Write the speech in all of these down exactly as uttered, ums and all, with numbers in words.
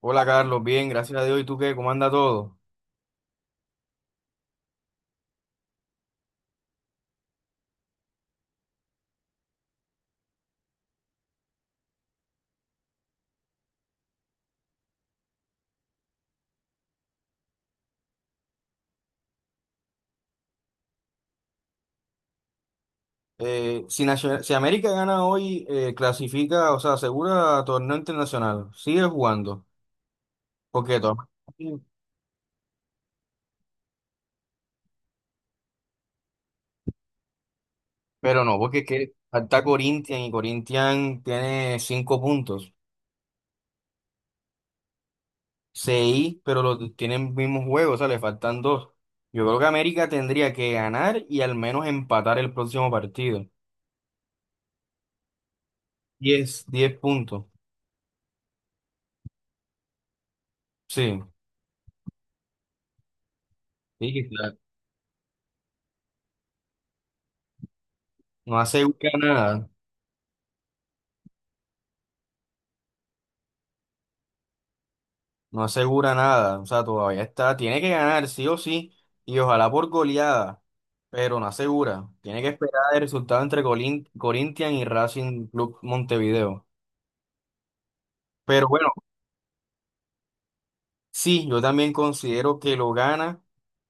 Hola Carlos, bien, gracias a Dios. ¿Y tú qué? ¿Cómo anda todo? Eh, si, Nacio- si América gana hoy, eh, clasifica, o sea, asegura torneo internacional. Sigue jugando. ¿Por qué? Toma. Pero no, porque es que falta Corinthians y Corinthians tiene cinco puntos. Seis, pero los tienen mismos juegos, o sea, le faltan dos. Yo creo que América tendría que ganar y al menos empatar el próximo partido. Diez, diez puntos. Sí, sí, claro. No asegura nada. No asegura nada, o sea, todavía está, tiene que ganar sí o sí, y ojalá por goleada, pero no asegura. Tiene que esperar el resultado entre Colin- Corinthians y Racing Club Montevideo. Pero bueno, sí, yo también considero que lo gana,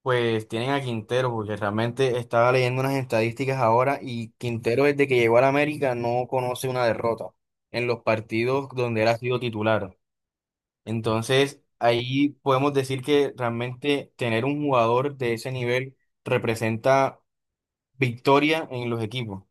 pues tienen a Quintero, porque realmente estaba leyendo unas estadísticas ahora y Quintero desde que llegó a la América no conoce una derrota en los partidos donde él ha sido titular. Entonces, ahí podemos decir que realmente tener un jugador de ese nivel representa victoria en los equipos.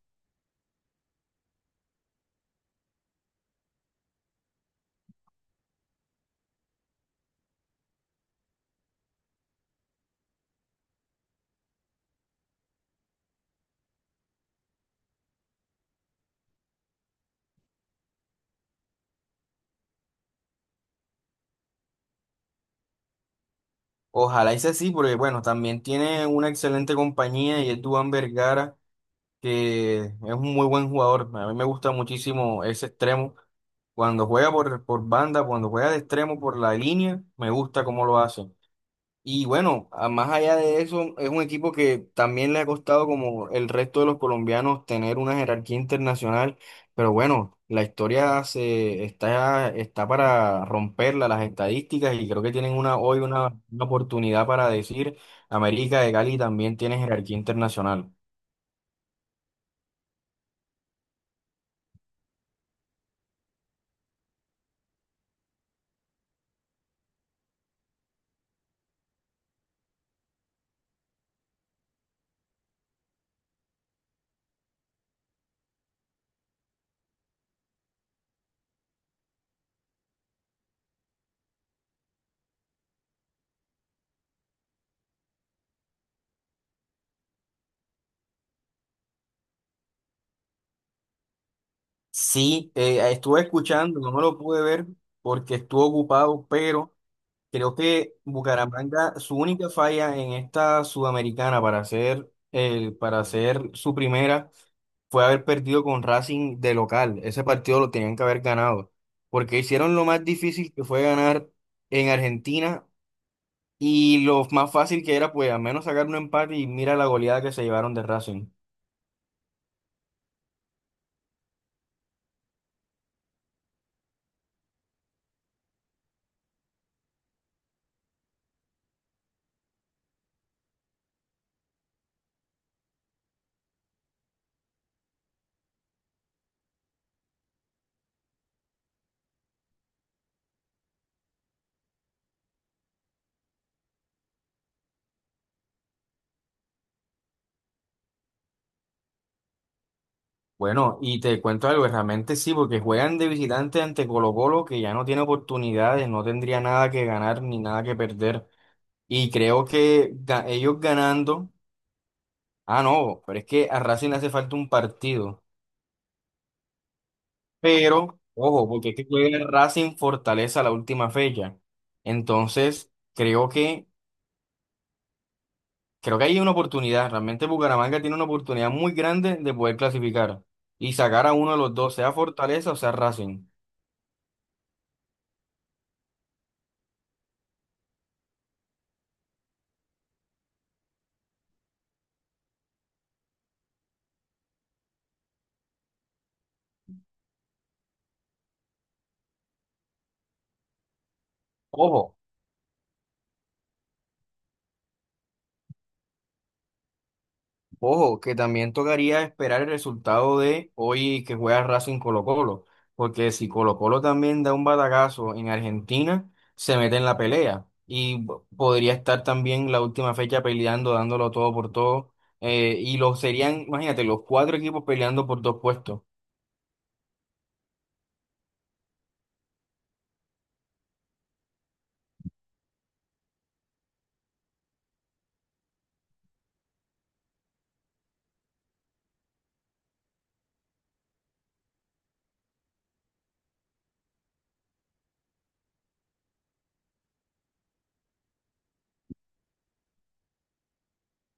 Ojalá sea así, porque bueno, también tiene una excelente compañía y es Duván Vergara, que es un muy buen jugador. A mí me gusta muchísimo ese extremo. Cuando juega por, por banda, cuando juega de extremo por la línea, me gusta cómo lo hace. Y bueno, a- más allá de eso, es un equipo que también le ha costado, como el resto de los colombianos, tener una jerarquía internacional. Pero bueno, la historia se está, está para romperla, las estadísticas, y creo que tienen una, hoy una, una oportunidad para decir, América de Cali también tiene jerarquía internacional. Sí, eh, estuve escuchando, no me lo pude ver porque estuve ocupado, pero creo que Bucaramanga, su única falla en esta Sudamericana para hacer, el, para hacer su primera fue haber perdido con Racing de local. Ese partido lo tenían que haber ganado, porque hicieron lo más difícil que fue ganar en Argentina y lo más fácil que era, pues al menos sacar un empate y mira la goleada que se llevaron de Racing. Bueno, y te cuento algo, realmente sí, porque juegan de visitante ante Colo Colo, que ya no tiene oportunidades, no tendría nada que ganar ni nada que perder. Y creo que ga- ellos ganando, ah, no, pero es que a Racing le hace falta un partido. Pero, ojo, porque es que juega Racing Fortaleza la última fecha. Entonces, creo que, creo que hay una oportunidad. Realmente Bucaramanga tiene una oportunidad muy grande de poder clasificar y sacar a uno de los dos, sea Fortaleza o sea Racing. ojo Ojo, que también tocaría esperar el resultado de hoy que juega Racing Colo-Colo, porque si Colo-Colo también da un batacazo en Argentina, se mete en la pelea y po- podría estar también la última fecha peleando, dándolo todo por todo, eh, y lo serían, imagínate, los cuatro equipos peleando por dos puestos.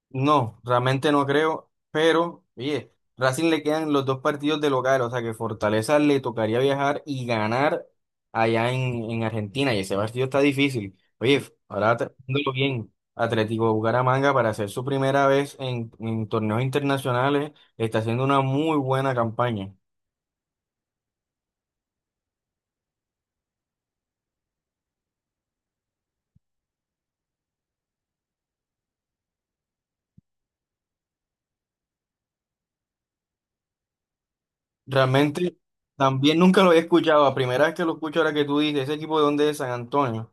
No, realmente no creo, pero oye, Racing le quedan los dos partidos de local, o sea que Fortaleza le tocaría viajar y ganar allá en, en Argentina, y ese partido está difícil. Oye, ahora pensándolo bien, Atlético de Bucaramanga para hacer su primera vez en, en torneos internacionales está haciendo una muy buena campaña. Realmente también nunca lo había escuchado, la primera vez que lo escucho ahora que tú dices, ese equipo de dónde es San Antonio,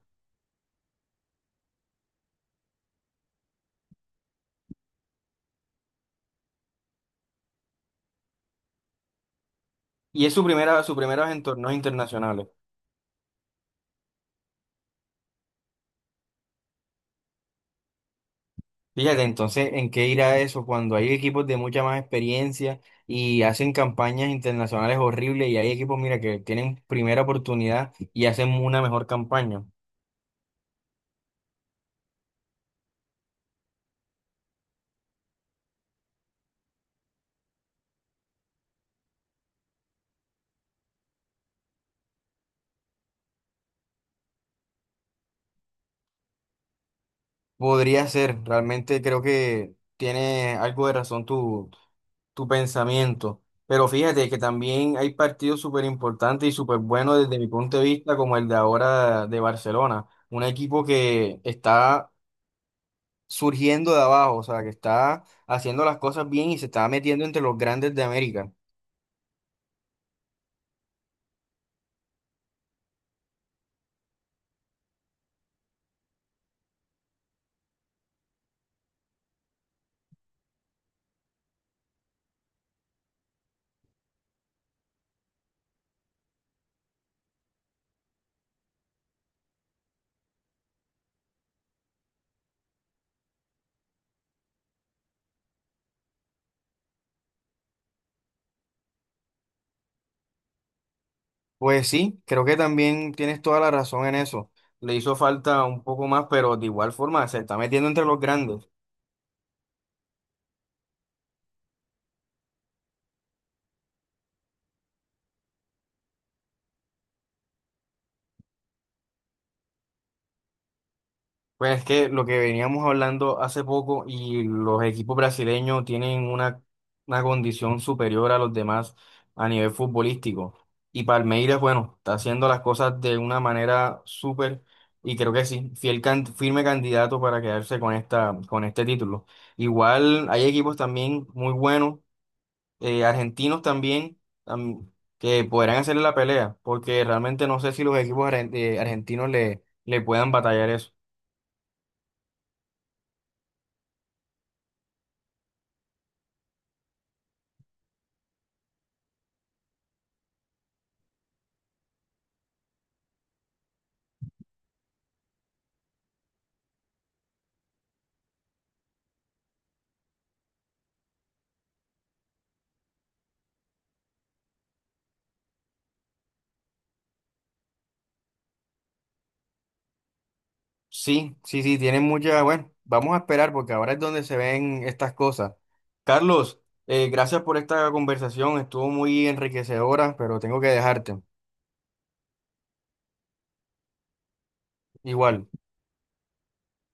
y es su primera, su primera vez en torneos internacionales. Fíjate, entonces, ¿en qué irá eso cuando hay equipos de mucha más experiencia y hacen campañas internacionales horribles y hay equipos, mira, que tienen primera oportunidad y hacen una mejor campaña? Podría ser, realmente creo que tiene algo de razón tu, tu pensamiento, pero fíjate que también hay partidos súper importantes y súper buenos desde mi punto de vista, como el de ahora de Barcelona, un equipo que está surgiendo de abajo, o sea, que está haciendo las cosas bien y se está metiendo entre los grandes de América. Pues sí, creo que también tienes toda la razón en eso. Le hizo falta un poco más, pero de igual forma se está metiendo entre los grandes. Pues es que lo que veníamos hablando hace poco y los equipos brasileños tienen una, una condición superior a los demás a nivel futbolístico. Y Palmeiras, bueno, está haciendo las cosas de una manera súper y creo que sí, fiel can- firme candidato para quedarse con esta, con este título. Igual hay equipos también muy buenos, eh, argentinos también, am- que podrán hacerle la pelea, porque realmente no sé si los equipos argen- eh, argentinos le, le puedan batallar eso. Sí, sí, sí, tienen mucha. Bueno, vamos a esperar porque ahora es donde se ven estas cosas. Carlos, eh, gracias por esta conversación, estuvo muy enriquecedora, pero tengo que dejarte. Igual.